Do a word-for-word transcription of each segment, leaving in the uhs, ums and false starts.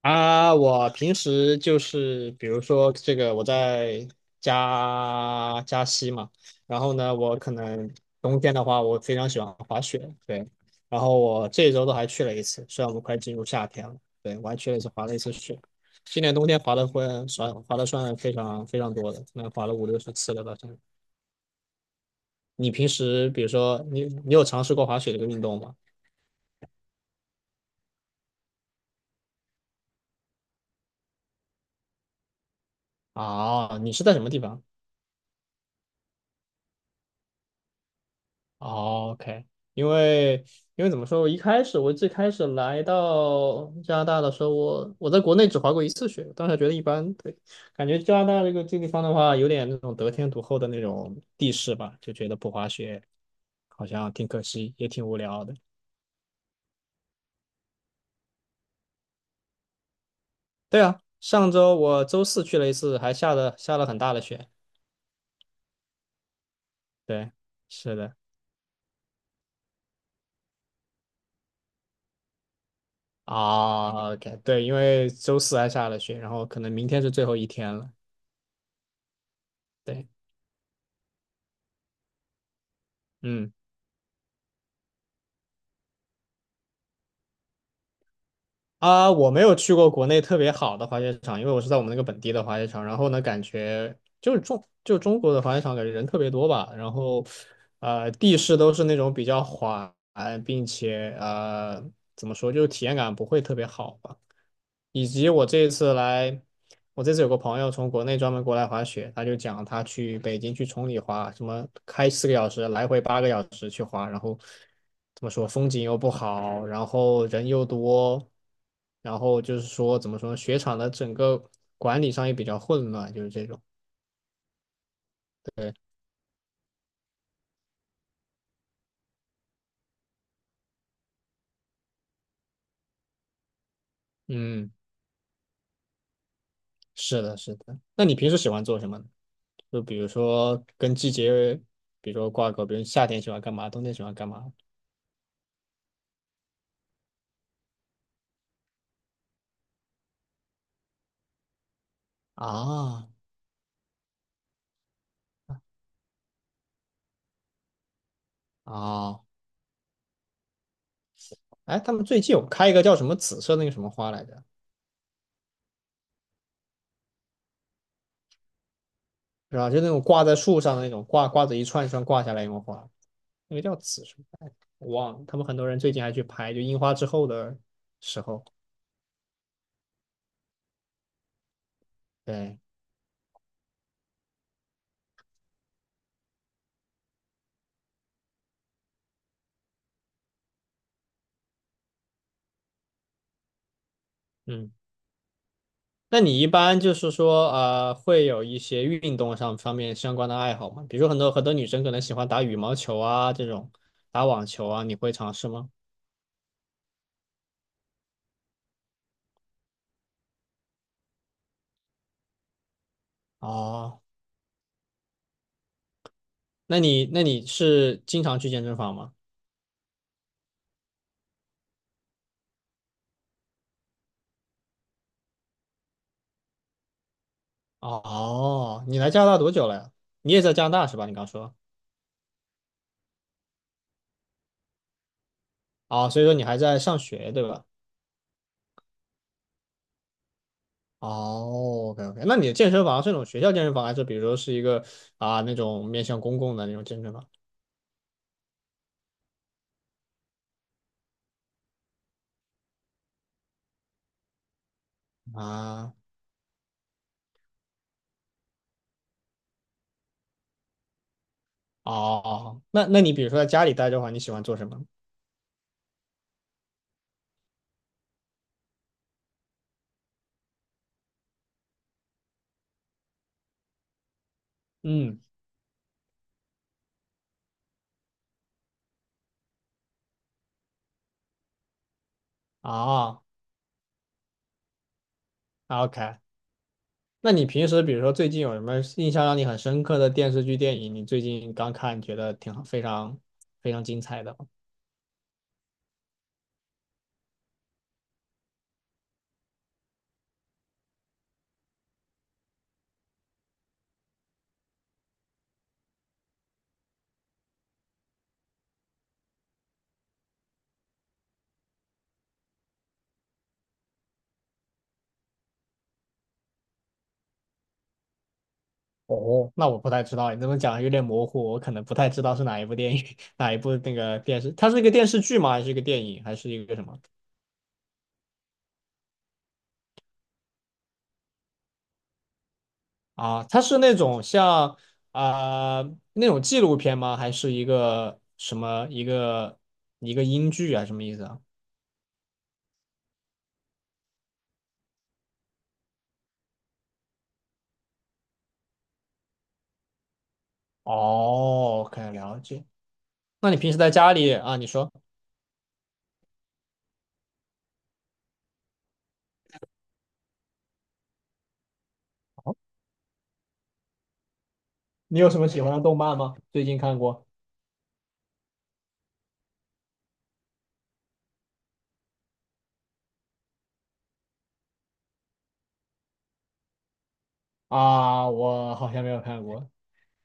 啊，我平时就是比如说这个我在加加西嘛。然后呢，我可能冬天的话，我非常喜欢滑雪，对。然后我这一周都还去了一次，虽然我们快进入夏天了，对，我还去了一次滑了一次雪。今年冬天滑的会算滑的算非常非常多的，那滑了五六十次了吧，算。你平时比如说你你有尝试过滑雪这个运动吗？啊，你是在什么地方？哦，OK。因为因为怎么说，我一开始我最开始来到加拿大的时候，我我在国内只滑过一次雪，当时觉得一般，对。感觉加拿大这个这个地方的话，有点那种得天独厚的那种地势吧，就觉得不滑雪好像挺可惜，也挺无聊的。对啊，上周我周四去了一次，还下了下了很大的雪。对，是的。啊，OK，对，因为周四还下了雪，然后可能明天是最后一天了。对。嗯。啊，我没有去过国内特别好的滑雪场，因为我是在我们那个本地的滑雪场。然后呢，感觉就是中就中国的滑雪场，感觉人特别多吧。然后，呃，地势都是那种比较缓，并且呃，怎么说，就是体验感不会特别好吧。以及我这一次来，我这次有个朋友从国内专门过来滑雪，他就讲他去北京去崇礼滑，什么开四个小时，来回八个小时去滑。然后怎么说风景又不好，然后人又多，然后就是说怎么说呢雪场的整个管理上也比较混乱，就是这种。对，嗯，是的，是的。那你平时喜欢做什么呢？就比如说跟季节，比如说挂钩，比如夏天喜欢干嘛，冬天喜欢干嘛啊？啊，哎，他们最近有开一个叫什么紫色那个什么花来着，是吧？就那种挂在树上的那种挂挂着一串一串挂下来那种花，那个叫紫什么来着我忘了。他们很多人最近还去拍，就樱花之后的时候。对。嗯，那你一般就是说，啊，会有一些运动上方面相关的爱好吗？比如说很多很多女生可能喜欢打羽毛球啊，这种打网球啊，你会尝试吗？哦，那你那你是经常去健身房吗？哦，你来加拿大多久了呀？你也在加拿大是吧？你刚说。哦，所以说你还在上学对吧？哦，OK， OK，那你的健身房是那种学校健身房，还是比如说是一个啊那种面向公共的那种健身房啊？哦，那那你比如说在家里待着的话，你喜欢做什么？嗯，哦啊，OK，那你平时比如说最近有什么印象让你很深刻的电视剧、电影，你最近刚看觉得挺好，非常非常精彩的？哦，那我不太知道，你这么讲有点模糊，我可能不太知道是哪一部电影，哪一部那个电视，它是一个电视剧吗？还是一个电影？还是一个什么？啊，它是那种像啊、呃那种纪录片吗？还是一个什么一个一个英剧啊？什么意思啊？哦，可 k 了解。那你平时在家里啊，你说你有什么喜欢的动漫吗？最近看过啊，我好像没有看过。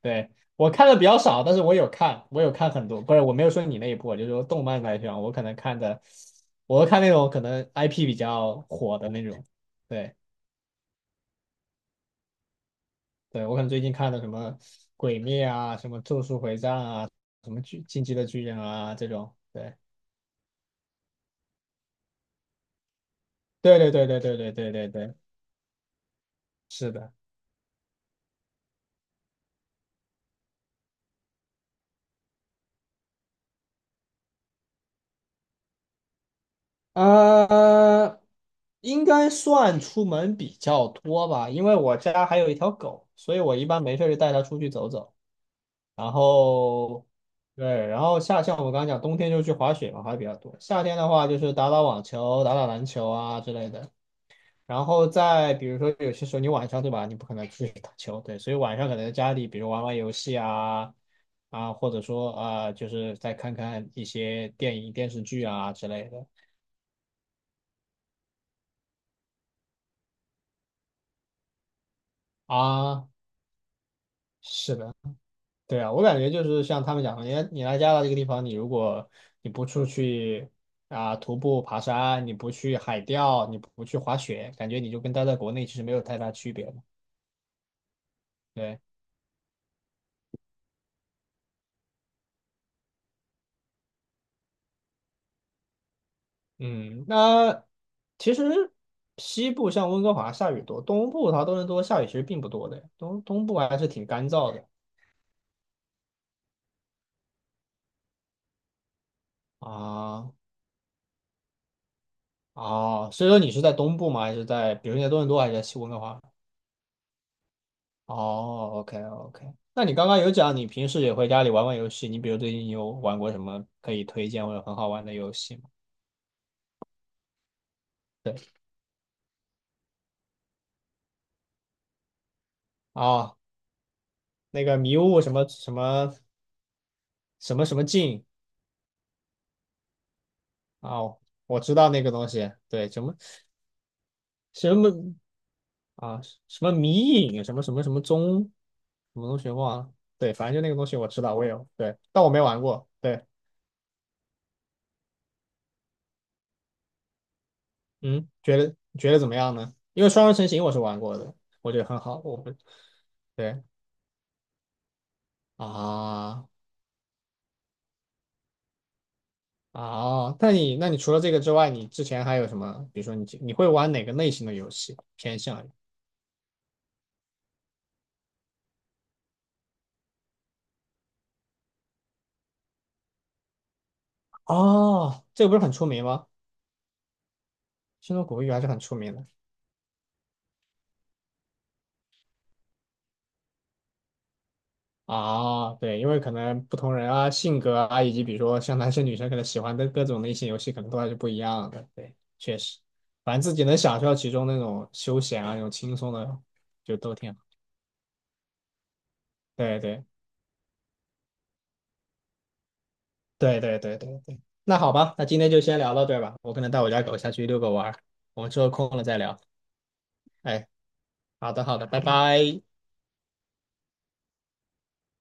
对，我看的比较少，但是我有看，我有看很多，不是，我没有说你那一部，我就说动漫来讲，我可能看的，我看那种可能 I P 比较火的那种，对，对，我可能最近看的什么《鬼灭》啊，什么《咒术回战》啊，什么巨《进击的巨人》啊这种，对，对对对对对对对对对，是的。呃，应该算出门比较多吧，因为我家还有一条狗，所以我一般没事就带它出去走走。然后对，然后夏像我刚刚讲，冬天就去滑雪嘛，滑的比较多。夏天的话就是打打网球、打打篮球啊之类的。然后再比如说，有些时候你晚上对吧，你不可能出去打球，对，所以晚上可能在家里，比如玩玩游戏啊，啊，或者说啊，就是再看看一些电影、电视剧啊之类的啊。是的。对啊，我感觉就是像他们讲的，你来你来加拿大这个地方，你如果你不出去啊、徒步爬山，你不去海钓，你不去滑雪，感觉你就跟待在国内其实没有太大区别了。对，嗯。那其实西部像温哥华下雨多，东部它多伦多下雨其实并不多的，东东部还是挺干燥的啊。哦，所以说你是在东部吗？还是在比如你在多伦多还是在西温哥华？哦，OK， OK，那你刚刚有讲你平时也会家里玩玩游戏，你比如最近有玩过什么可以推荐或者很好玩的游戏吗？对，哦，那个迷雾什么什么什么什么镜。哦，我知道那个东西，对，什么什么啊什么迷影什么什么什么踪什么东西忘了，对，反正就那个东西我知道，我有，对，但我没玩过，对，嗯，觉得觉得怎么样呢？因为双人成行我是玩过的，我觉得很好，我不对。啊，啊，那你那你除了这个之外，你之前还有什么？比如说你你会玩哪个类型的游戏偏向于？哦，这个不是很出名吗？《星露谷物语》还是很出名的。啊，对，因为可能不同人啊、性格啊，以及比如说像男生女生可能喜欢的各种类型游戏，可能都还是不一样的。对，确实，反正自己能享受到其中那种休闲啊、那种轻松的，就都挺好。对对对对对对对。那好吧，那今天就先聊到这儿吧。我可能带我家狗下去遛个弯儿，我们之后空了再聊。哎。好的，好的，拜拜。